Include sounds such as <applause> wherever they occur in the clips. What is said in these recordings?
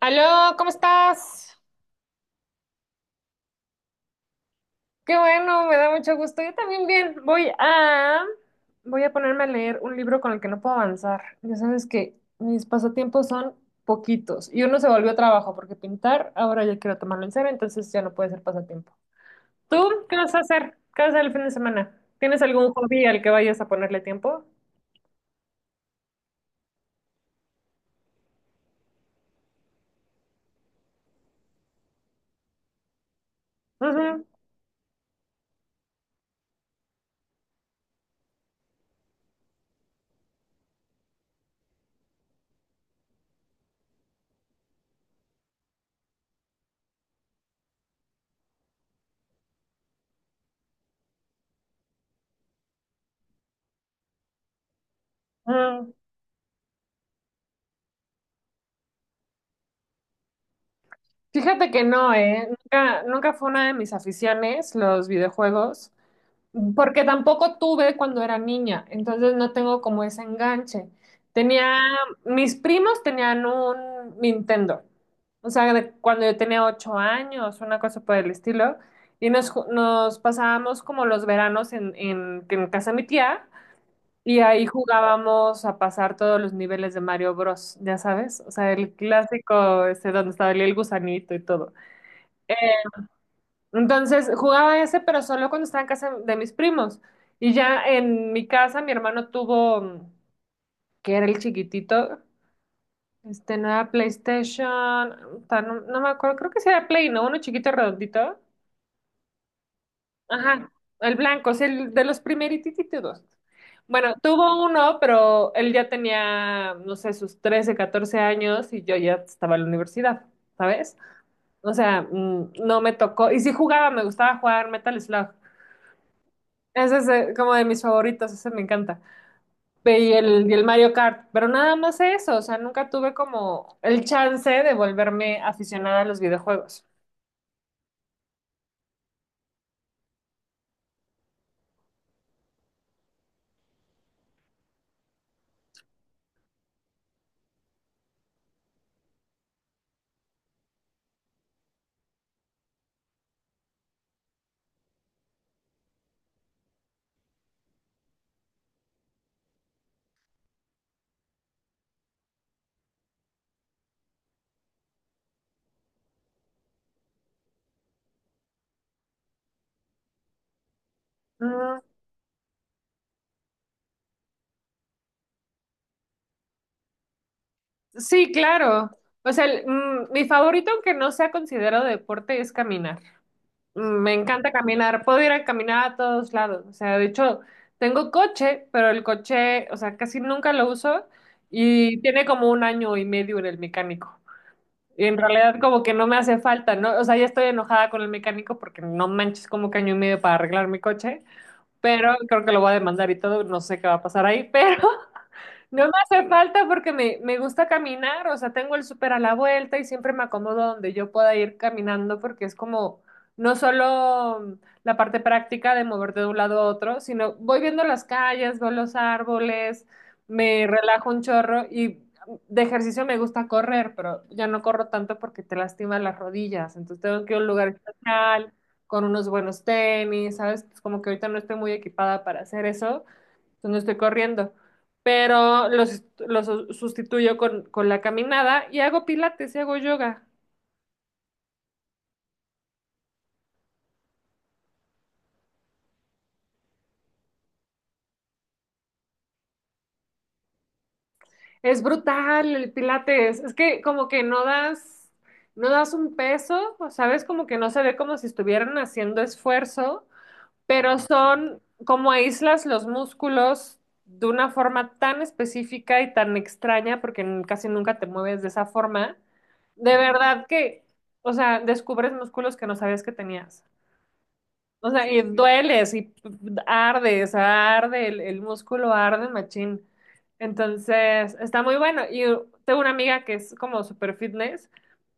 Aló, ¿cómo estás? Qué bueno, me da mucho gusto. Yo también bien. Voy a ponerme a leer un libro con el que no puedo avanzar. Ya sabes que mis pasatiempos son poquitos y uno se volvió trabajo porque pintar ahora ya quiero tomarlo en serio, entonces ya no puede ser pasatiempo. ¿Tú qué vas a hacer? ¿Qué vas a hacer el fin de semana? ¿Tienes algún hobby al que vayas a ponerle tiempo? Ujú, mm. Fíjate que no, ¿eh? Nunca, nunca fue una de mis aficiones los videojuegos. Porque tampoco tuve cuando era niña, entonces no tengo como ese enganche. Tenía, Mis primos tenían un Nintendo, o sea, de cuando yo tenía 8 años, una cosa por el estilo, y nos pasábamos como los veranos en casa de mi tía, y ahí jugábamos a pasar todos los niveles de Mario Bros, ya sabes, o sea, el clásico, ese donde estaba el gusanito y todo. Entonces jugaba ese, pero solo cuando estaba en casa de mis primos. Y ya en mi casa, mi hermano tuvo, que era el chiquitito, este, no era PlayStation, no, no me acuerdo, creo que sí era Play, ¿no? Uno chiquito redondito. Ajá, el blanco, es el de los primerititos. Bueno, tuvo uno, pero él ya tenía, no sé, sus 13, 14 años y yo ya estaba en la universidad, ¿sabes? O sea, no me tocó. Y sí jugaba, me gustaba jugar Metal Slug. Ese es como de mis favoritos, ese me encanta. Y el Mario Kart, pero nada más eso, o sea, nunca tuve como el chance de volverme aficionada a los videojuegos. Mm, sí, claro. O sea, mi favorito, aunque no sea considerado deporte, es caminar. Me encanta caminar, puedo ir a caminar a todos lados. O sea, de hecho, tengo coche, pero el coche, o sea, casi nunca lo uso y tiene como un año y medio en el mecánico. Y en realidad como que no me hace falta, ¿no? O sea, ya estoy enojada con el mecánico porque no manches como que año y medio para arreglar mi coche, pero creo que lo voy a demandar y todo, no sé qué va a pasar ahí, <laughs> pero no me hace falta porque me gusta caminar, o sea, tengo el súper a la vuelta y siempre me acomodo donde yo pueda ir caminando porque es como no solo la parte práctica de moverte de un lado a otro, sino voy viendo las calles, veo los árboles, me relajo un chorro y de ejercicio me gusta correr, pero ya no corro tanto porque te lastiman las rodillas, entonces tengo que ir a un lugar especial, con unos buenos tenis, ¿sabes? Pues como que ahorita no estoy muy equipada para hacer eso entonces no estoy corriendo, pero los sustituyo con la caminada y hago pilates y hago yoga. Es brutal el pilates, es que como que no das, no das un peso, ¿sabes? Como que no se ve como si estuvieran haciendo esfuerzo, pero son como aíslas los músculos de una forma tan específica y tan extraña, porque casi nunca te mueves de esa forma. De verdad que, o sea, descubres músculos que no sabías que tenías. O sea, y dueles y arde, o arde, el músculo arde, machín. Entonces, está muy bueno. Y tengo una amiga que es como super fitness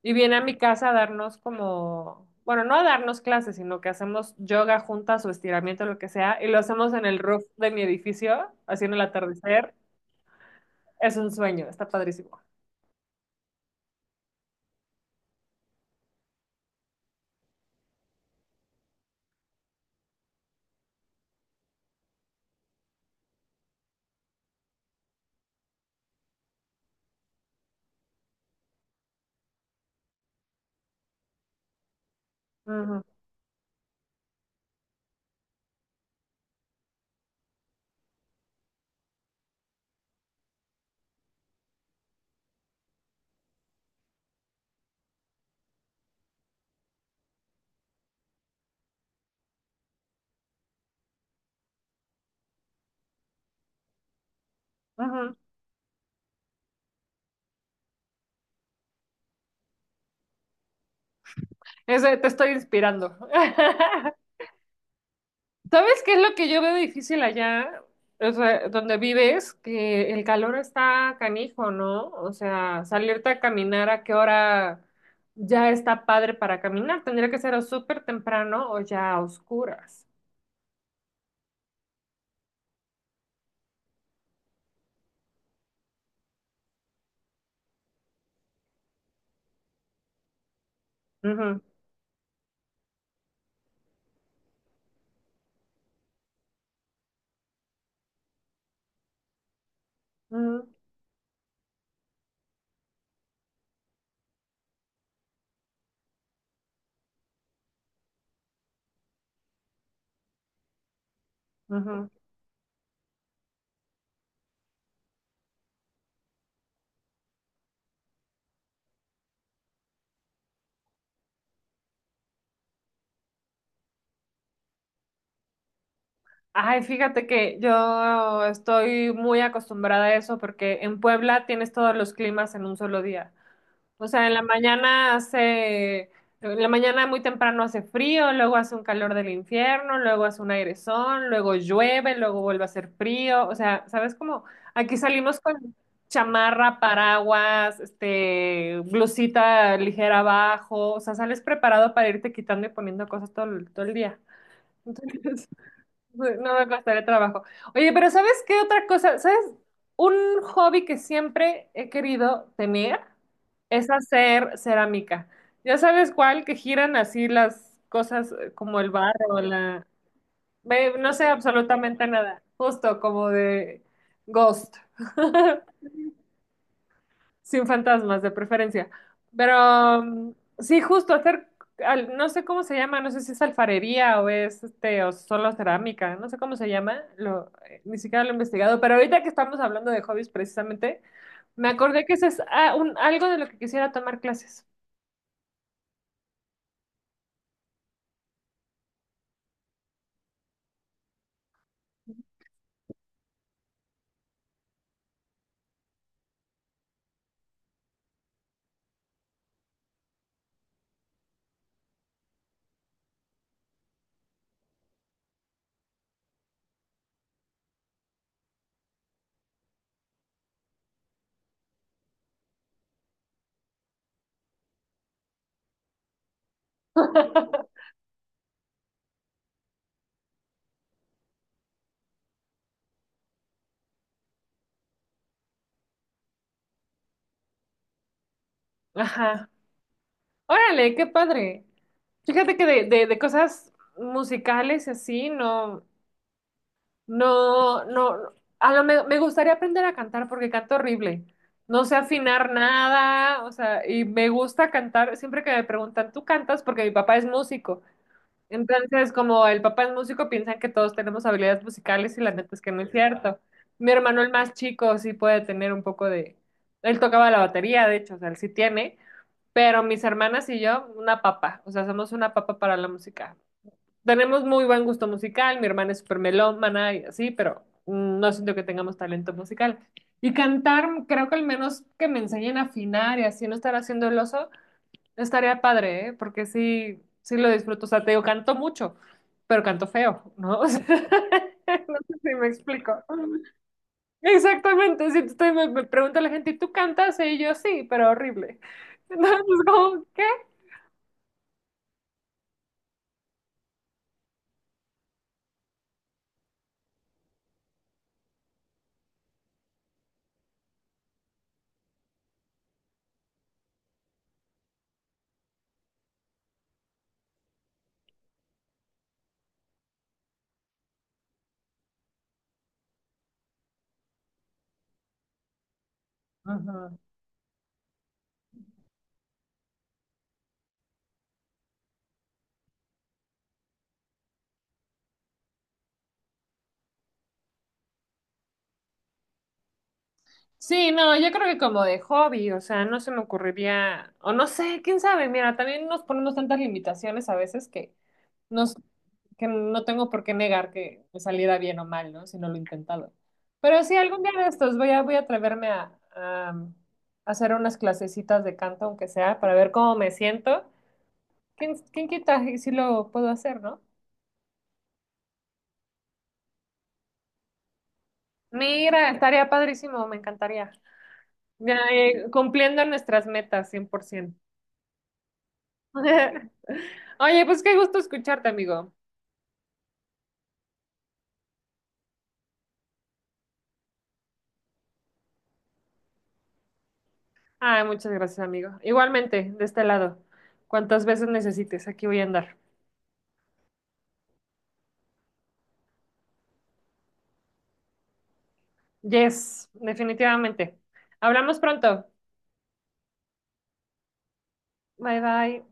y viene a mi casa a darnos como, bueno, no a darnos clases, sino que hacemos yoga juntas o estiramiento, lo que sea, y lo hacemos en el roof de mi edificio, haciendo el atardecer. Es un sueño, está padrísimo. Ujú, ujú. Eso te estoy inspirando. <laughs> ¿Sabes qué es lo que yo veo difícil allá? O sea, donde vives, que el calor está canijo, ¿no? O sea, salirte a caminar a qué hora ya está padre para caminar. Tendría que ser o súper temprano o ya a oscuras. Ujú, ujú, ujú. Ay, fíjate que yo estoy muy acostumbrada a eso porque en Puebla tienes todos los climas en un solo día. O sea, en la mañana muy temprano hace frío, luego hace un calor del infierno, luego hace un airezón, luego llueve, luego vuelve a hacer frío. O sea, ¿sabes cómo? Aquí salimos con chamarra, paraguas, este, blusita ligera abajo. O sea, sales preparado para irte quitando y poniendo cosas todo, todo el día. <laughs> Entonces, no me costaría trabajo. Oye, pero ¿sabes qué otra cosa? ¿Sabes? Un hobby que siempre he querido tener es hacer cerámica. Ya sabes cuál, que giran así las cosas como el barro, la... No sé absolutamente nada, justo como de Ghost. Sin fantasmas, de preferencia. Pero sí, justo hacer, no sé cómo se llama, no sé si es alfarería o es este, o solo cerámica, no sé cómo se llama, lo, ni siquiera lo he investigado. Pero ahorita que estamos hablando de hobbies precisamente, me acordé que ese es algo de lo que quisiera tomar clases. Ajá. Órale, qué padre. Fíjate que de cosas musicales y así, no. No, no, no. Me gustaría aprender a cantar porque canto horrible. No sé afinar nada, o sea, y me gusta cantar. Siempre que me preguntan, ¿tú cantas? Porque mi papá es músico. Entonces, como el papá es músico, piensan que todos tenemos habilidades musicales y la neta es que no es cierto. Mi hermano, el más chico, sí puede tener un poco de... Él tocaba la batería, de hecho, o sea, él sí tiene, pero mis hermanas y yo, una papa, o sea, somos una papa para la música. Tenemos muy buen gusto musical, mi hermana es súper melómana y así, pero no siento que tengamos talento musical. Y cantar, creo que al menos que me enseñen a afinar y así no estar haciendo el oso, estaría padre, ¿eh? Porque sí, sí lo disfruto. O sea, te digo, canto mucho, pero canto feo, ¿no? <laughs> O sea, no sé si me explico. Exactamente, si estoy, me pregunta la gente, ¿y tú cantas? Y yo sí, pero horrible. <laughs> Entonces, como, ¿qué? Sí, no, yo creo que como de hobby, o sea, no se me ocurriría, o no sé, quién sabe, mira, también nos ponemos tantas limitaciones a veces que, nos, que no tengo por qué negar que me saliera bien o mal, ¿no? Si no lo he intentado. Pero sí, algún día de estos voy a, atreverme a hacer unas clasecitas de canto, aunque sea, para ver cómo me siento. ¿Quién quita y si lo puedo hacer, ¿no? Mira, estaría padrísimo, me encantaría. Ya, cumpliendo nuestras metas, 100%. <laughs> Oye, pues qué gusto escucharte, amigo. Ay, muchas gracias, amigo. Igualmente, de este lado. Cuantas veces necesites, aquí voy a andar. Yes, definitivamente. Hablamos pronto. Bye, bye.